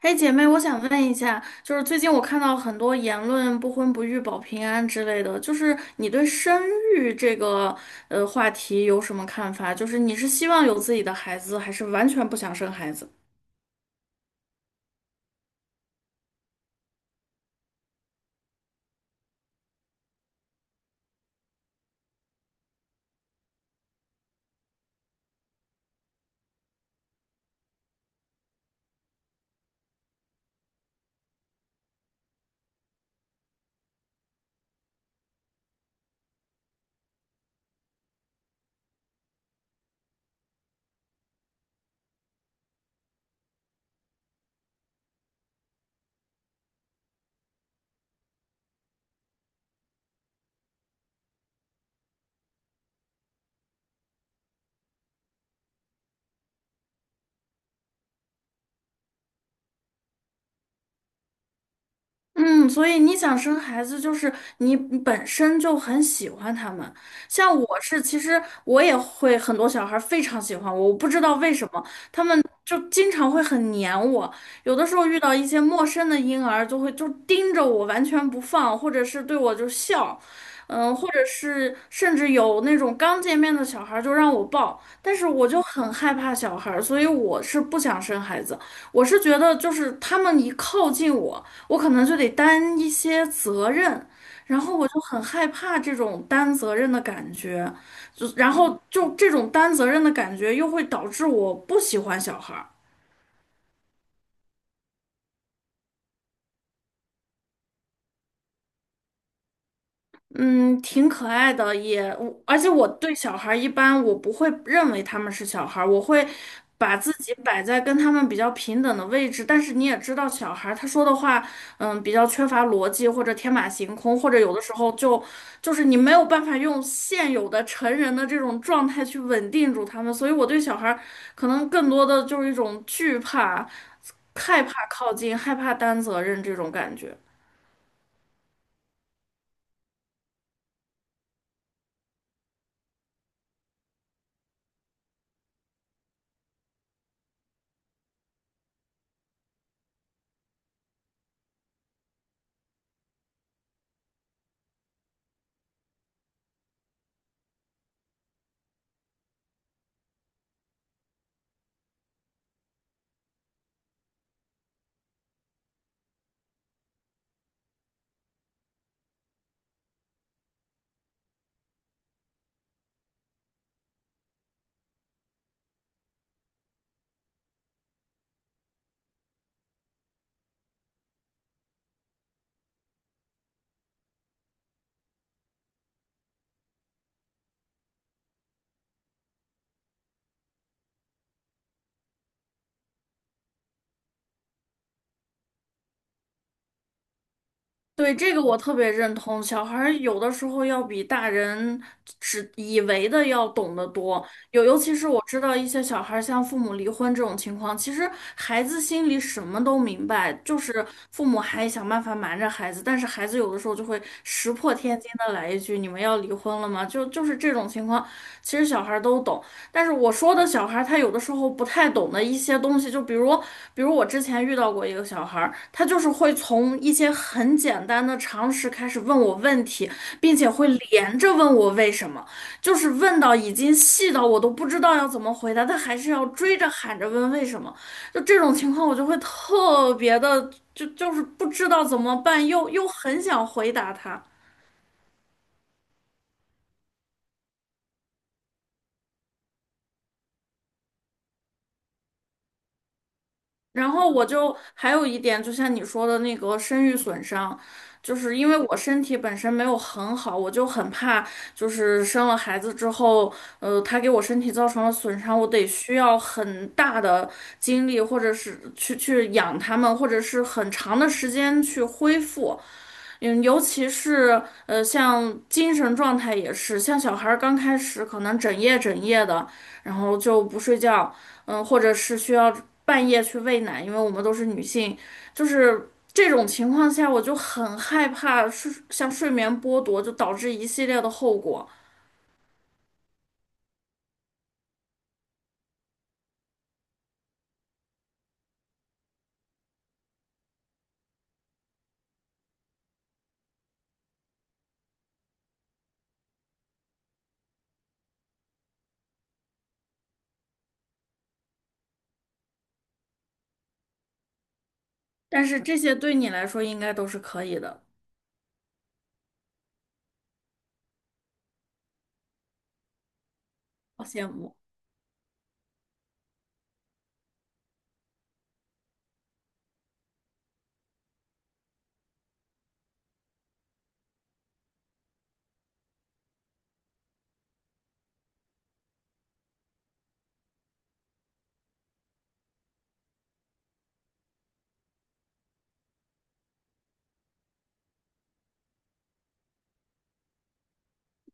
哎，姐妹，我想问一下，就是最近我看到很多言论“不婚不育保平安”之类的，就是你对生育这个话题有什么看法？就是你是希望有自己的孩子，还是完全不想生孩子？嗯，所以你想生孩子，就是你本身就很喜欢他们。像我是，其实我也会很多小孩儿非常喜欢我，我不知道为什么，他们就经常会很黏我。有的时候遇到一些陌生的婴儿，就会就盯着我完全不放，或者是对我就笑，嗯，或者是甚至有那种刚见面的小孩儿就让我抱，但是我就很害怕小孩儿，所以我是不想生孩子。我是觉得就是他们一靠近我。我可能就得担一些责任，然后我就很害怕这种担责任的感觉，就然后就这种担责任的感觉又会导致我不喜欢小孩儿。嗯，挺可爱的，也，而且我对小孩儿一般我不会认为他们是小孩儿，我会把自己摆在跟他们比较平等的位置。但是你也知道，小孩儿他说的话，嗯，比较缺乏逻辑或者天马行空，或者有的时候就你没有办法用现有的成人的这种状态去稳定住他们，所以我对小孩儿可能更多的就是一种惧怕、害怕靠近、害怕担责任这种感觉。对，这个我特别认同，小孩儿有的时候要比大人只以为的要懂得多。有，尤其是我知道一些小孩儿像父母离婚这种情况，其实孩子心里什么都明白，就是父母还想办法瞒着孩子，但是孩子有的时候就会石破天惊的来一句：“你们要离婚了吗？”就是这种情况，其实小孩儿都懂。但是我说的小孩儿他有的时候不太懂的一些东西，就比如，比如我之前遇到过一个小孩儿，他就是会从一些很简单的常识开始问我问题，并且会连着问我为什么，就是问到已经细到我都不知道要怎么回答，他还是要追着喊着问为什么。就这种情况，我就会特别的，就是不知道怎么办，又很想回答他。然后我就还有一点，就像你说的那个生育损伤，就是因为我身体本身没有很好，我就很怕，就是生了孩子之后，他给我身体造成了损伤，我得需要很大的精力，或者是去养他们，或者是很长的时间去恢复。嗯，尤其是像精神状态也是，像小孩儿刚开始可能整夜整夜的，然后就不睡觉，嗯，或者是需要半夜去喂奶，因为我们都是女性，就是这种情况下，我就很害怕睡，像睡眠剥夺，就导致一系列的后果。但是这些对你来说应该都是可以的，好羡慕。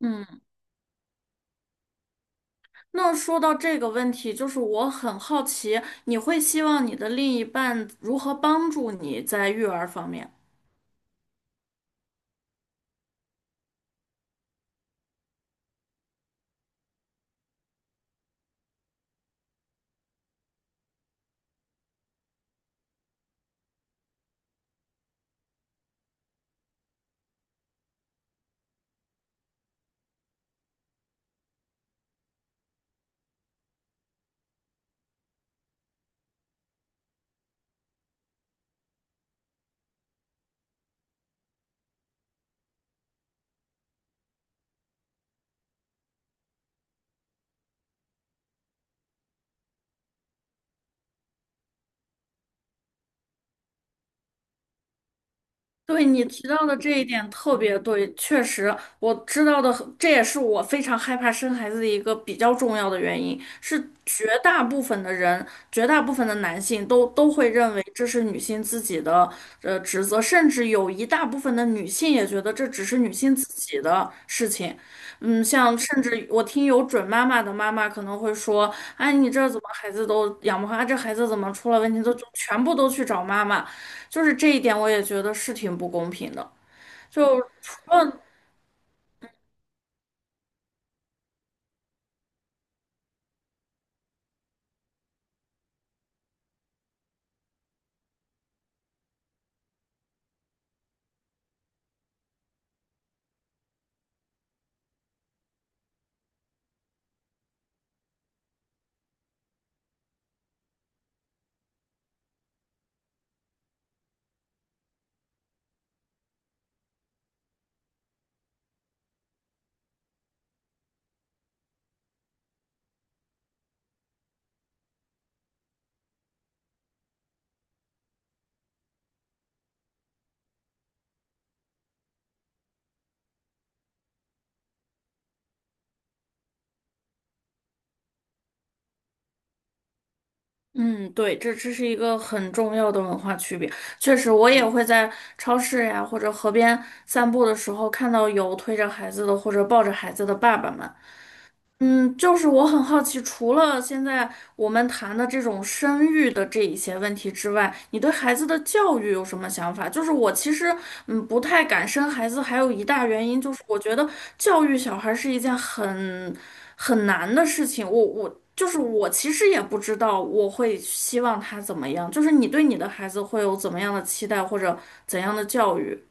嗯。那说到这个问题，就是我很好奇，你会希望你的另一半如何帮助你在育儿方面？对你提到的这一点特别对，确实我知道的很这也是我非常害怕生孩子的一个比较重要的原因，是绝大部分的人，绝大部分的男性都会认为这是女性自己的职责，甚至有一大部分的女性也觉得这只是女性自己的事情。嗯，像甚至我听有准妈妈的妈妈可能会说，哎，你这怎么孩子都养不好啊这孩子怎么出了问题都就全部都去找妈妈。就是这一点，我也觉得是挺不公平的。就除了，嗯，对，这这是一个很重要的文化区别。确实，我也会在超市呀或者河边散步的时候，看到有推着孩子的或者抱着孩子的爸爸们，嗯，就是我很好奇，除了现在我们谈的这种生育的这一些问题之外，你对孩子的教育有什么想法？就是我其实不太敢生孩子，还有一大原因就是我觉得教育小孩是一件很难的事情。我就是我其实也不知道我会希望他怎么样，就是你对你的孩子会有怎么样的期待或者怎样的教育？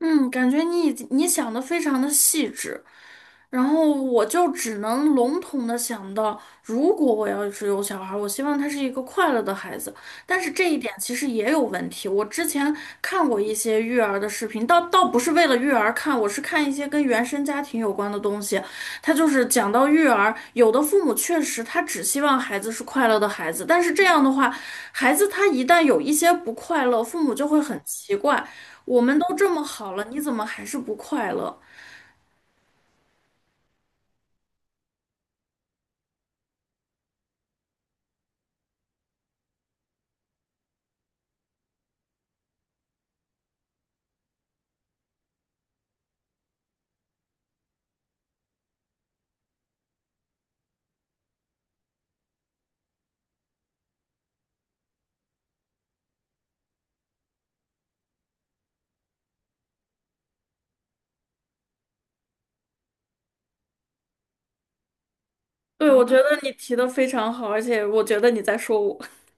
嗯，感觉你已经你想的非常的细致，然后我就只能笼统的想到，如果我要是有小孩儿，我希望他是一个快乐的孩子。但是这一点其实也有问题。我之前看过一些育儿的视频，倒不是为了育儿看，我是看一些跟原生家庭有关的东西。他就是讲到育儿，有的父母确实他只希望孩子是快乐的孩子，但是这样的话，孩子他一旦有一些不快乐，父母就会很奇怪，我们都这么好了，你怎么还是不快乐？对，我觉得你提的非常好，而且我觉得你在说我。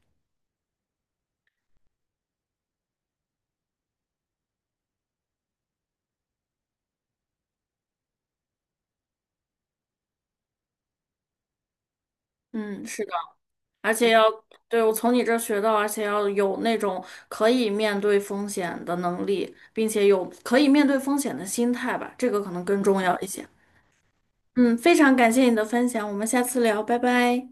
嗯，是的，而且要，对，我从你这儿学到，而且要有那种可以面对风险的能力，并且有可以面对风险的心态吧，这个可能更重要一些。嗯，非常感谢你的分享，我们下次聊，拜拜。